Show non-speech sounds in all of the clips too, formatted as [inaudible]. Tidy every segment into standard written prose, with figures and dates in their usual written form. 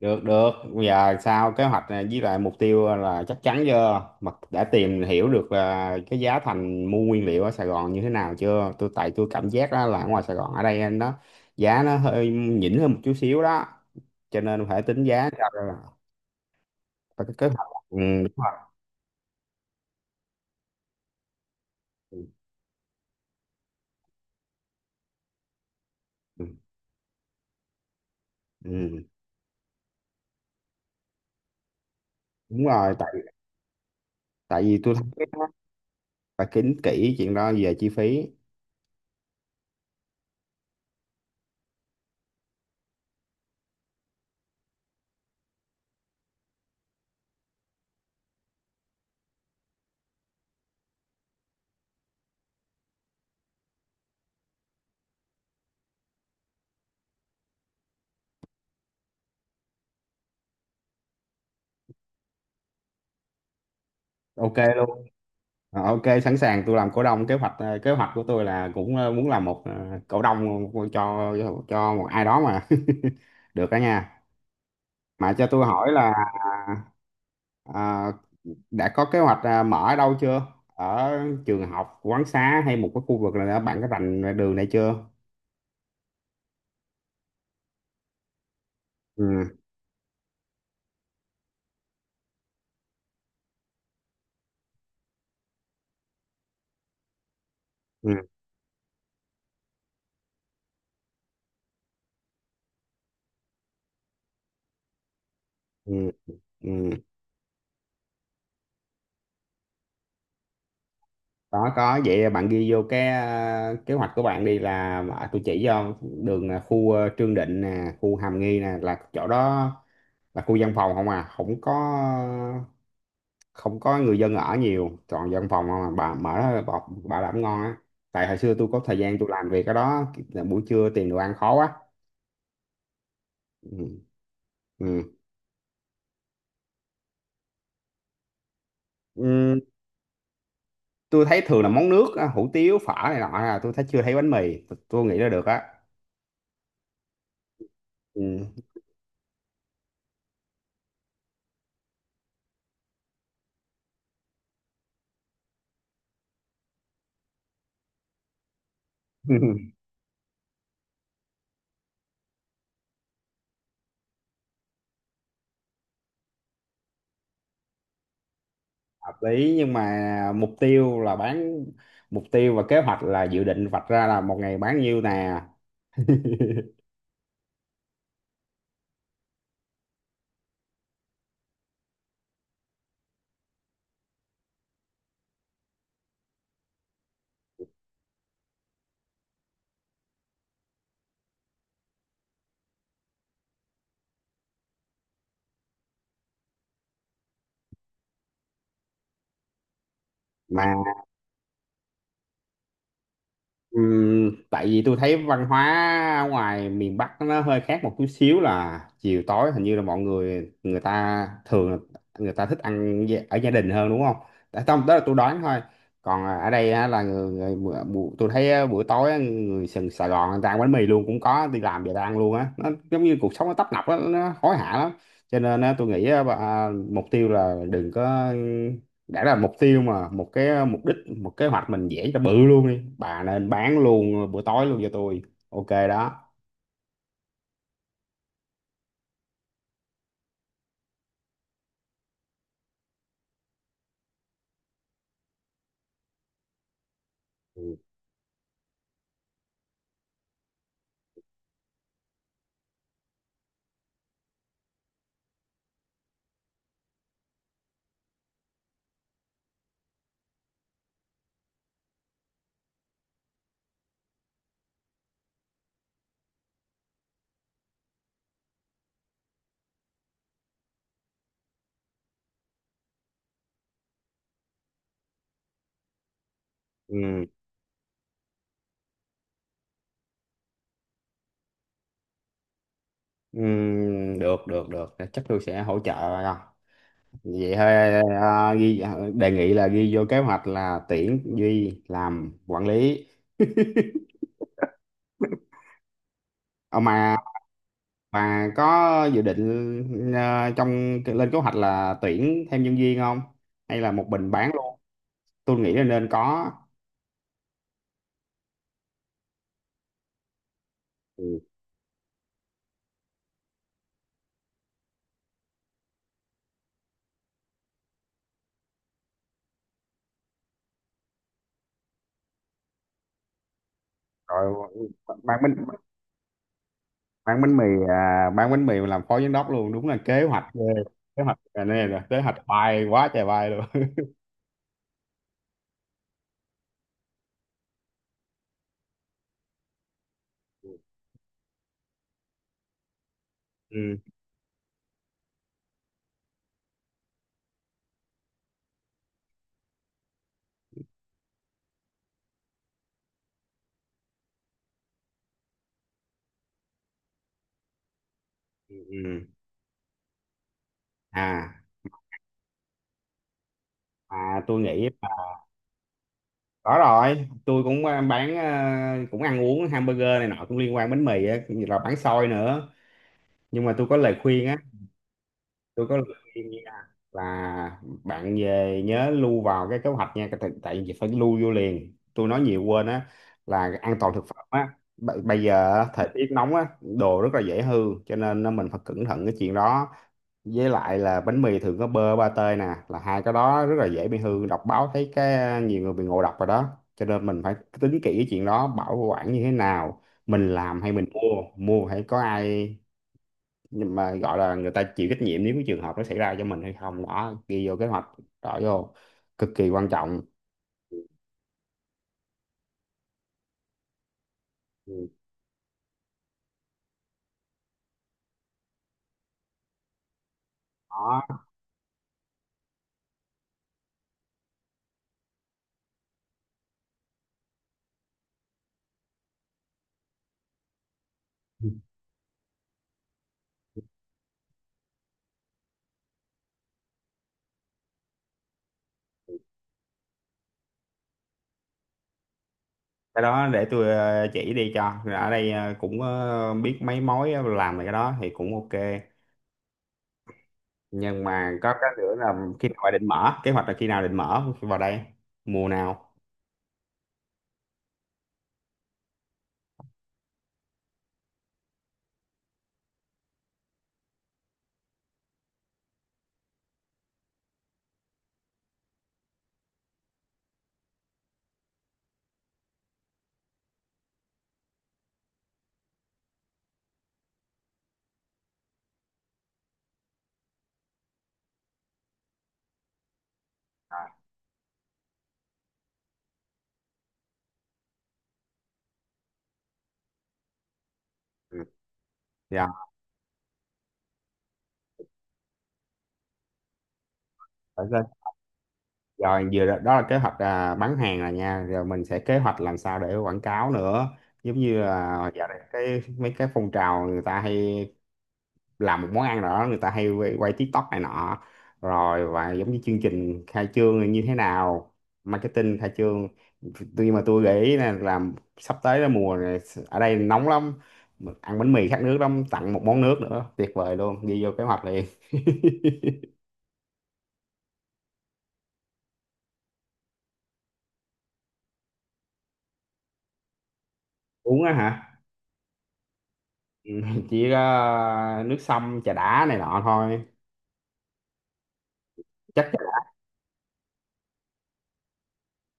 Được được, giờ sao kế hoạch này với lại mục tiêu là chắc chắn chưa mà đã tìm hiểu được là cái giá thành mua nguyên liệu ở Sài Gòn như thế nào chưa? Tại tôi cảm giác đó là ở ngoài Sài Gòn ở đây nó giá nó hơi nhỉnh hơn một chút xíu đó, cho nên phải tính giá cho ra là- phải có kế hoạch, đúng rồi. Ừ, ừ, ừ, đúng rồi. Tại tại vì tôi thấy cái đó phải tính kỹ chuyện đó về chi phí. Ok. Ok, sẵn sàng. Tôi làm cổ đông. Kế hoạch kế hoạch của tôi là cũng muốn làm một cổ đông cho một ai đó mà [laughs] được đó nha. Mà cho tôi hỏi là à, đã có kế hoạch mở ở đâu chưa? Ở trường học, quán xá hay một cái khu vực là bạn có rành đường này chưa? ừ, ừ, ừ, ừ. ừ. Có, vậy bạn ghi vô cái kế hoạch của bạn đi là tôi chỉ cho đường. Ờ, Khu Trương Định nè, khu Hàm Nghi nè, là chỗ đó là khu dân phòng không à, không có, không có người dân ở nhiều, toàn dân phòng không à. Bà mở đó bà làm ngon á. Tại hồi xưa tôi có thời gian tôi làm việc ở đó là buổi trưa tìm đồ ăn khó quá. ừ. Ừ. Ừ. tôi thấy thường là món nước á, hủ tiếu phở này nọ, là tôi thấy chưa thấy bánh mì. Tôi nghĩ là được á. ừ. [laughs] Hợp lý, nhưng mà mục tiêu là bán, mục tiêu và kế hoạch là dự định vạch ra là một ngày bán nhiêu nè. [laughs] mà tại vì tôi thấy văn hóa ở ngoài miền Bắc nó hơi khác một chút xíu, là chiều tối hình như là mọi người, người ta thường là người ta thích ăn ở gia đình hơn đúng không? Tại không, đó là tôi đoán thôi. Còn ở đây á, là người, tôi thấy á, buổi tối á, người sừng Sài Gòn người ta ăn bánh mì luôn, cũng có đi làm về ta ăn luôn á. Nó giống như cuộc sống nó tấp nập á, nó hối hả lắm. Cho nên á, tôi nghĩ á, bà- mục tiêu là đừng có, đã là mục tiêu mà, một cái mục đích, một kế hoạch mình vẽ cho bự luôn đi bà, nên bán luôn bữa tối luôn cho tôi. Ok đó. ừ. Ừ. Ừ. Được được được, chắc tôi sẽ hỗ trợ bà vậy thôi. Ghi đề nghị là ghi vô kế hoạch là tuyển Duy làm quản lý. Ờ, mà bà có dự định trong lên kế hoạch là tuyển thêm nhân viên không, hay là một mình bán luôn? Tôi nghĩ là nên có. Ừ. Rồi bạn mình bán bánh mì, bán bánh mì mà làm phó giám đốc luôn, đúng là kế hoạch ghê. Kế hoạch này là kế hoạch bay quá trời bay luôn. [laughs] ừ, ừ. ừ. à tôi nghĩ là- có rồi. Tôi cũng bán cũng ăn uống hamburger này nọ, cũng liên quan bánh mì á, cũng như là bán xôi nữa. Nhưng mà tôi có lời khuyên á, tôi có lời khuyên nha, là bạn về nhớ lưu vào cái kế hoạch nha, tại vì phải lưu vô liền, tôi nói nhiều quên á, là an toàn thực phẩm á. B- bây giờ á, thời tiết nóng á, đồ rất là dễ hư, cho nên á, mình phải cẩn thận cái chuyện đó. Với lại là bánh mì thường có bơ ba tê nè, là hai cái đó rất là dễ bị hư, đọc báo thấy cái nhiều người bị ngộ độc rồi đó, cho nên mình phải tính kỹ cái chuyện đó, bảo quản như thế nào, mình làm hay mình mua, mua phải có ai nhưng mà gọi là người ta chịu trách nhiệm nếu cái trường hợp nó xảy ra cho mình hay không. Đó, ghi vô kế hoạch, rõ vô, cực kỳ quan trọng. Ừ. Đó, cái đó để tôi chỉ đi cho. Rồi ở đây cũng biết mấy mối làm về cái đó thì cũng ok. Nhưng mà có cái nữa là khi nào định mở, kế hoạch là khi nào định mở vào đây, mùa nào? Ừ. dạ. Rồi vừa đó, đó là kế hoạch bán hàng rồi nha, rồi mình sẽ kế hoạch làm sao để quảng cáo nữa, giống như là giờ này cái mấy cái phong trào người ta hay làm một món ăn nào đó, người ta hay quay TikTok này nọ, rồi và giống như chương trình khai trương như thế nào, marketing khai trương. Tuy mà tôi nghĩ là làm sắp tới là mùa này ở đây nóng lắm, ăn bánh mì khát nước lắm, tặng một món nước nữa tuyệt vời luôn, ghi vô kế hoạch liền. [laughs] Uống á hả? Ừ, [laughs] chỉ có nước sông trà đá này nọ thôi. Chắc chắn.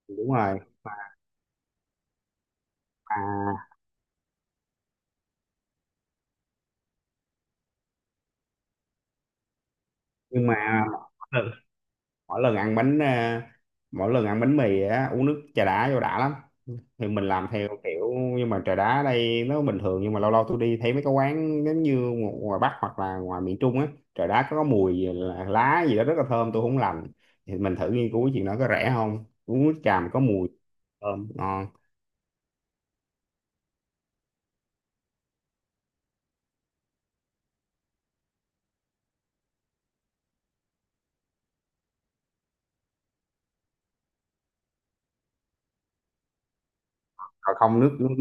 Đúng rồi. À, nhưng mà [laughs] mỗi lần mỗi lần ăn bánh à, mỗi lần ăn bánh mì á uống nước trà đá vô đã lắm. Thì mình làm theo kiểu, nhưng mà trà đá ở đây nó bình thường, nhưng mà lâu lâu tôi đi thấy mấy cái quán giống như ngoài Bắc hoặc là ngoài miền Trung á, trà đá có mùi gì là lá gì đó rất là thơm, tôi không lành. Thì mình thử nghiên cứu chuyện đó, có rẻ không, uống nước trà mà có mùi thơm ngon. Còn không nước,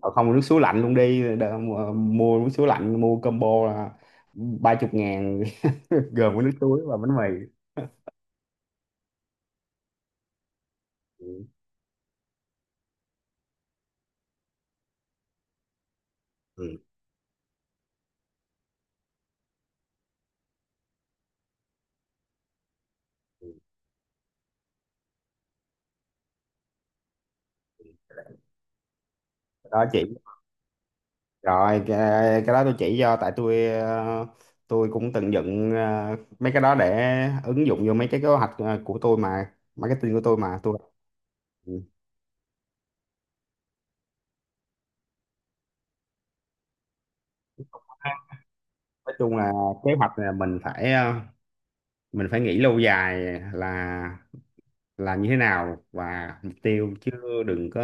Ờ, không, nước suối lạnh luôn đi. Đ- mua nước suối lạnh, mua combo là 30.000 [laughs] gồm có nước suối và bánh mì. ừ. Ừ. Đó chị. rồi cái, cái đó tôi chỉ cho, tại tôi tôi cũng từng dựng mấy cái đó để ứng dụng vô mấy cái kế hoạch của tôi mà, marketing của tôi mà tôi. ừ. Nói chung là kế hoạch là mình phải mình phải nghĩ lâu dài, là là như thế nào và mục tiêu chứ, đừng có,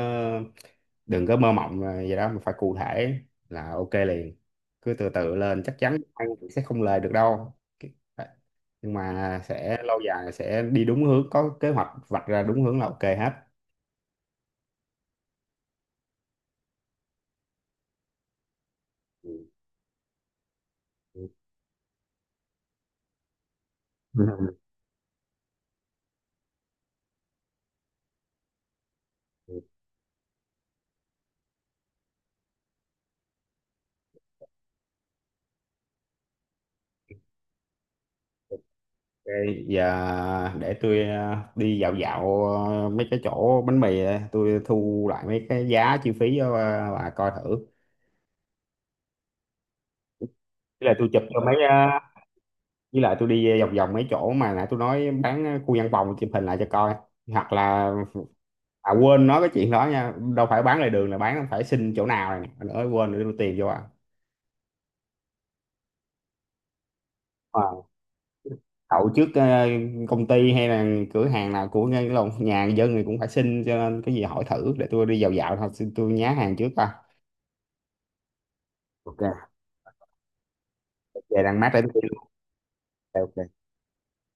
đừng có mơ mộng là vậy đó, mà phải cụ thể là ok liền. Cứ từ từ lên, chắc chắn ăn cũng sẽ không lời được đâu. Cái- nhưng mà sẽ lâu dài, sẽ đi đúng hướng, có kế hoạch vạch ra đúng hướng là ok hết. Ừ. Ừ. ok. Giờ để tôi đi dạo dạo mấy cái chỗ bánh mì, tôi thu lại mấy cái giá chi phí cho bà coi thử. với lại tôi chụp cho mấy ờ, với lại tôi đi vòng vòng mấy chỗ mà nãy tôi nói bán khu văn phòng, chụp hình lại cho coi. Hoặc là, à, quên nói cái chuyện đó nha, đâu phải bán lề đường là bán, phải xin chỗ nào này nè nữa, quên nữa, đưa tiền vô à. Ờ, đậu trước công ty hay là cửa hàng nào, của ngay cái lồng nhà dân thì cũng phải xin, cho nên cái gì hỏi thử, để tôi đi dạo dạo thôi, xin tôi nhá hàng trước coi. Ok. Về đang mát đến tôi. Ok.